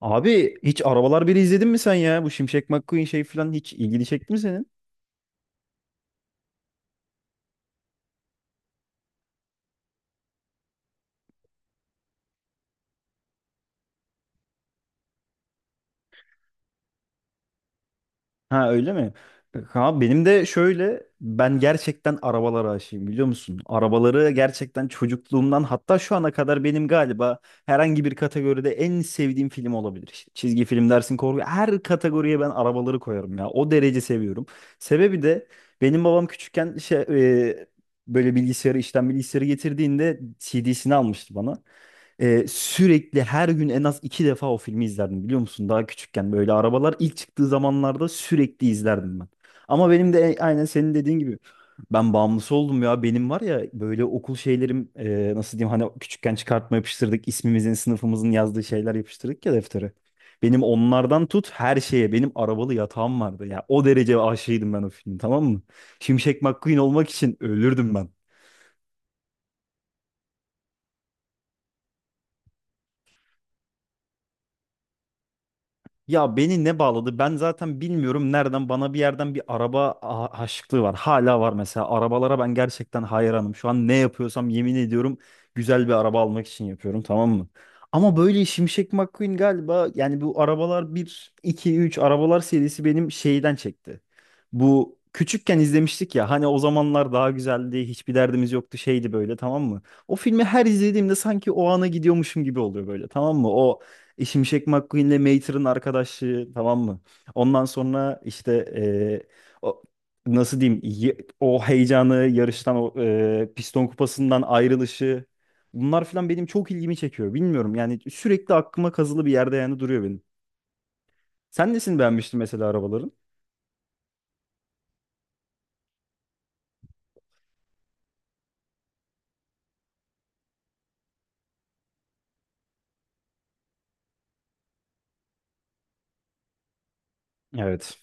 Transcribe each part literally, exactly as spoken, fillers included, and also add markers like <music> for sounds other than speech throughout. Abi hiç Arabalar biri izledin mi sen ya? Bu Şimşek McQueen şey falan hiç ilgini çekti mi senin? Ha öyle mi? Bak Abi benim de şöyle ben gerçekten arabalara aşığım biliyor musun? Arabaları gerçekten çocukluğumdan hatta şu ana kadar benim galiba herhangi bir kategoride en sevdiğim film olabilir. İşte çizgi film dersin korku her kategoriye ben arabaları koyarım ya. O derece seviyorum. Sebebi de benim babam küçükken şey, e, böyle bilgisayarı işten bilgisayarı getirdiğinde C D'sini almıştı bana. Ee, sürekli her gün en az iki defa o filmi izlerdim biliyor musun? Daha küçükken böyle arabalar ilk çıktığı zamanlarda sürekli izlerdim ben. Ama benim de e- aynen senin dediğin gibi ben bağımlısı oldum ya. Benim var ya böyle okul şeylerim e, nasıl diyeyim hani küçükken çıkartma yapıştırdık ismimizin sınıfımızın yazdığı şeyler yapıştırdık ya deftere. Benim onlardan tut her şeye benim arabalı yatağım vardı ya. O derece aşığıydım ben o filmin, tamam mı? Şimşek McQueen olmak için ölürdüm ben. Ya beni ne bağladı? Ben zaten bilmiyorum nereden, bana bir yerden bir araba a- aşıklığı var. Hala var mesela. Arabalara ben gerçekten hayranım. Şu an ne yapıyorsam yemin ediyorum güzel bir araba almak için yapıyorum, tamam mı? Ama böyle Şimşek McQueen galiba, yani bu arabalar bir iki üç arabalar serisi benim şeyden çekti. Bu küçükken izlemiştik ya, hani o zamanlar daha güzeldi, hiçbir derdimiz yoktu, şeydi böyle, tamam mı? O filmi her izlediğimde sanki o ana gidiyormuşum gibi oluyor böyle, tamam mı? O e, Şimşek McQueen'le Mater'ın arkadaşlığı, tamam mı? Ondan sonra işte eee, o, nasıl diyeyim ye- o heyecanı yarıştan, o eee, piston kupasından ayrılışı, bunlar falan benim çok ilgimi çekiyor. Bilmiyorum yani, sürekli aklıma kazılı bir yerde yani duruyor benim. Sen nesini beğenmiştin mesela arabaların? Evet.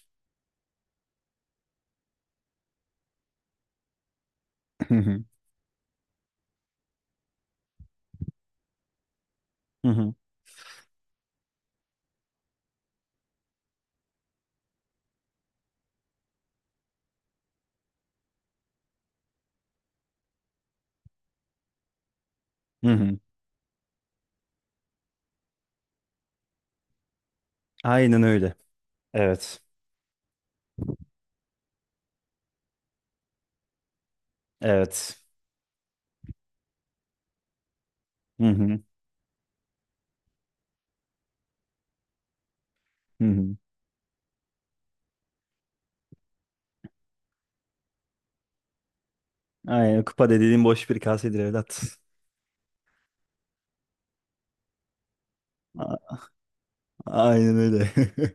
<laughs> Hı hı. Aynen öyle. Evet. Evet. Hı hı. Hı hı. Aynen, kupa dediğin boş bir kasedir evlat. A- Aynen öyle. <laughs>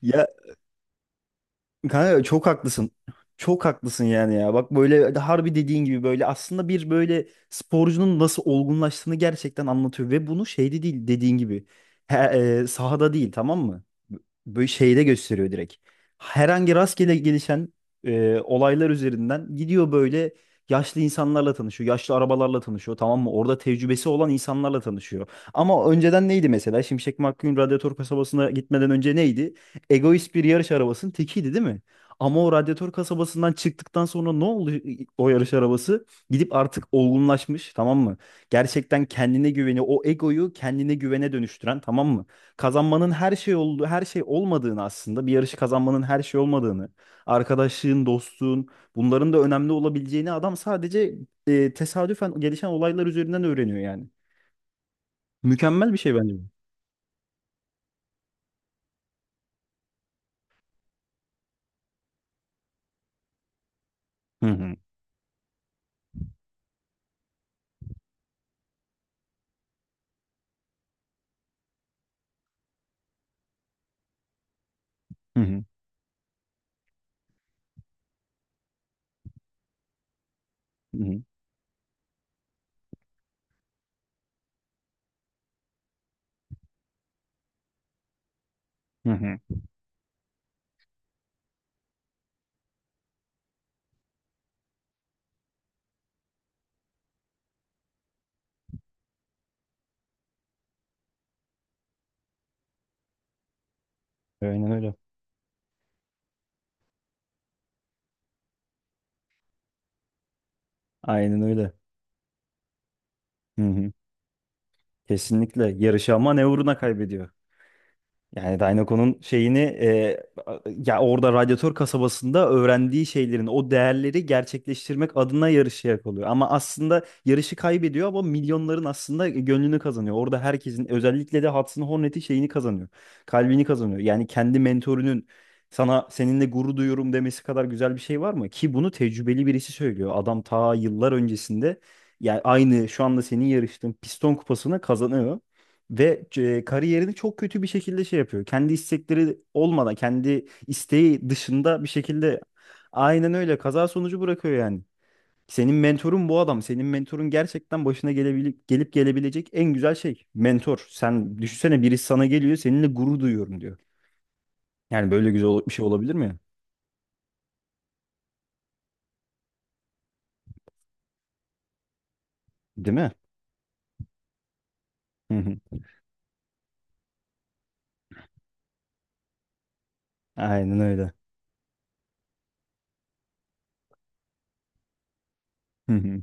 Ya kanka çok haklısın. Çok haklısın yani ya. Bak böyle harbi dediğin gibi böyle aslında bir böyle sporcunun nasıl olgunlaştığını gerçekten anlatıyor. Ve bunu şeyde değil dediğin gibi. He, e, Sahada değil, tamam mı? Böyle şeyde gösteriyor direkt. Herhangi rastgele gelişen e, olaylar üzerinden gidiyor böyle, yaşlı insanlarla tanışıyor. Yaşlı arabalarla tanışıyor, tamam mı? Orada tecrübesi olan insanlarla tanışıyor. Ama önceden neydi mesela? Şimşek McQueen Radyatör kasabasına gitmeden önce neydi? Egoist bir yarış arabasının tekiydi değil mi? Ama o radyatör kasabasından çıktıktan sonra ne oldu o yarış arabası? Gidip artık olgunlaşmış, tamam mı? Gerçekten kendine güveni, o egoyu kendine güvene dönüştüren, tamam mı? Kazanmanın her şey olduğu, her şey olmadığını, aslında bir yarışı kazanmanın her şey olmadığını, arkadaşlığın, dostluğun bunların da önemli olabileceğini adam sadece e, tesadüfen gelişen olaylar üzerinden öğreniyor yani. Mükemmel bir şey bence bu. Hı hı. Hı hı. Hı hı. Hı hı. Aynen öyle. Aynen öyle. Hı hı. Kesinlikle yarışı, ama ne uğruna kaybediyor. Yani Dynaco'nun şeyini e, Ya orada radyatör kasabasında öğrendiği şeylerin o değerleri gerçekleştirmek adına yarışıya kalıyor. Ama aslında yarışı kaybediyor, ama milyonların aslında gönlünü kazanıyor. Orada herkesin, özellikle de Hudson Hornet'in şeyini kazanıyor. Kalbini kazanıyor. Yani kendi mentorunun sana "seninle gurur duyuyorum" demesi kadar güzel bir şey var mı? Ki bunu tecrübeli birisi söylüyor. Adam ta yıllar öncesinde yani aynı şu anda senin yarıştığın piston kupasını kazanıyor. Ve e, kariyerini çok kötü bir şekilde şey yapıyor. Kendi istekleri olmadan, kendi isteği dışında bir şekilde aynen öyle kaza sonucu bırakıyor yani. Senin mentorun bu adam. Senin mentorun gerçekten başına gelebil gelip gelebilecek en güzel şey. Mentor. Sen düşünsene, birisi sana geliyor, seninle gurur duyuyorum diyor. Yani böyle güzel ol- bir şey olabilir mi? Değil mi? Hı hı. Aynen öyle. Hı hı.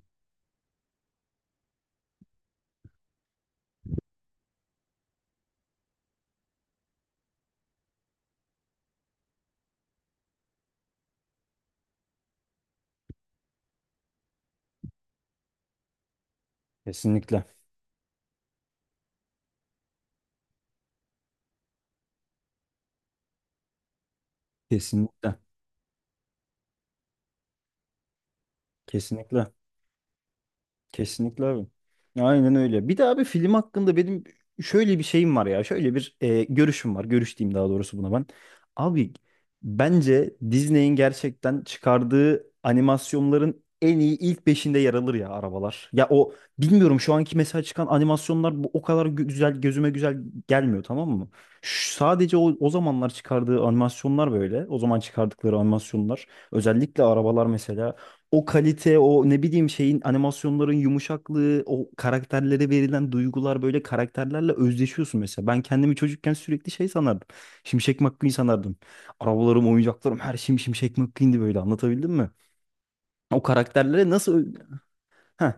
Kesinlikle. Kesinlikle. Kesinlikle. Kesinlikle abi. Aynen öyle. Bir de abi, film hakkında benim şöyle bir şeyim var ya. Şöyle bir e, görüşüm var. Görüş diyeyim daha doğrusu buna ben. Abi, bence Disney'in gerçekten çıkardığı animasyonların en iyi ilk beşinde yer alır ya Arabalar. Ya o, bilmiyorum, şu anki mesela çıkan animasyonlar bu o kadar gü- güzel, gözüme güzel gelmiyor, tamam mı? Ş- sadece o, o zamanlar çıkardığı animasyonlar böyle. O zaman çıkardıkları animasyonlar. Özellikle Arabalar mesela, o kalite, o ne bileyim şeyin animasyonların yumuşaklığı, o karakterlere verilen duygular, böyle karakterlerle özdeşiyorsun mesela. Ben kendimi çocukken sürekli şey sanardım. Şimşek McQueen sanardım. Arabalarım, oyuncaklarım, her şeyim Şimşek McQueen'di böyle, anlatabildim mi? O karakterlere nasıl... Heh.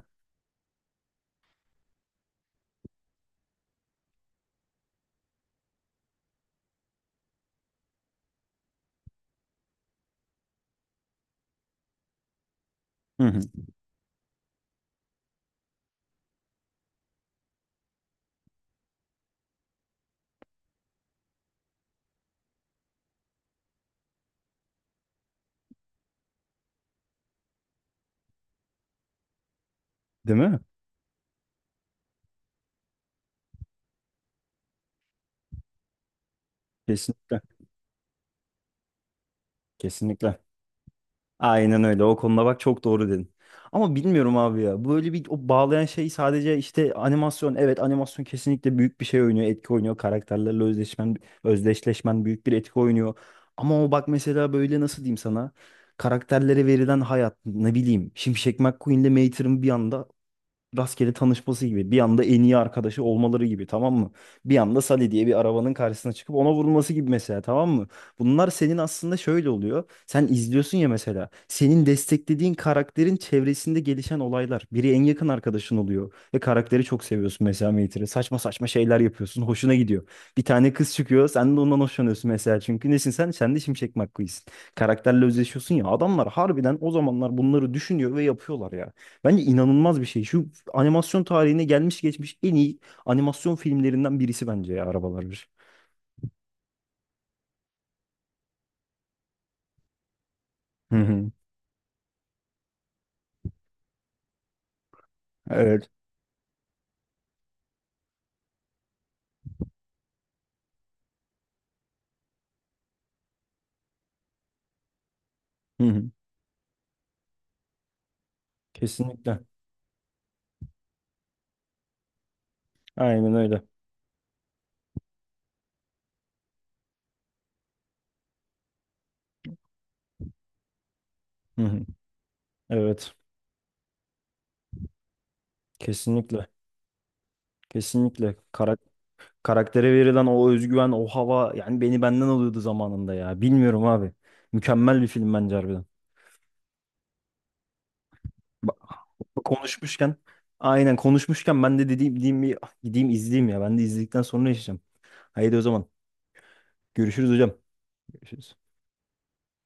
Hı hı. Değil mi? Kesinlikle. Kesinlikle. Aynen öyle. O konuda bak çok doğru dedin. Ama bilmiyorum abi ya. Böyle bir o bağlayan şey sadece işte animasyon. Evet, animasyon kesinlikle büyük bir şey oynuyor. Etki oynuyor. Karakterlerle özdeşmen, özdeşleşmen büyük bir etki oynuyor. Ama o bak mesela böyle, nasıl diyeyim sana. Karakterlere verilen hayat ne bileyim. Şimşek McQueen'le Mater'ın bir anda rastgele tanışması gibi. Bir anda en iyi arkadaşı olmaları gibi, tamam mı? Bir anda Sally diye bir arabanın karşısına çıkıp ona vurulması gibi mesela, tamam mı? Bunlar senin aslında şöyle oluyor. Sen izliyorsun ya mesela. Senin desteklediğin karakterin çevresinde gelişen olaylar. Biri en yakın arkadaşın oluyor. Ve karakteri çok seviyorsun, mesela Mater'ı. Saçma saçma şeyler yapıyorsun. Hoşuna gidiyor. Bir tane kız çıkıyor. Sen de ondan hoşlanıyorsun mesela. Çünkü nesin sen? Sen de Şimşek McQueen'sin. Karakterle özleşiyorsun ya. Adamlar harbiden o zamanlar bunları düşünüyor ve yapıyorlar ya. Bence inanılmaz bir şey. Şu animasyon tarihine gelmiş geçmiş en iyi animasyon filmlerinden birisi bence ya, Arabalar bir. Hı hı. Evet. Hı hı. Kesinlikle. Aynen öyle. Hı hı. Evet. Kesinlikle. Kesinlikle. Karak karaktere verilen o özgüven, o hava, yani beni benden alıyordu zamanında ya. Bilmiyorum abi. Mükemmel bir film bence, harbiden. Ba- Konuşmuşken, aynen konuşmuşken, ben de dediğim, dediğim bir ah, gideyim izleyeyim ya. Ben de izledikten sonra yaşayacağım. Haydi o zaman. Görüşürüz hocam. Görüşürüz.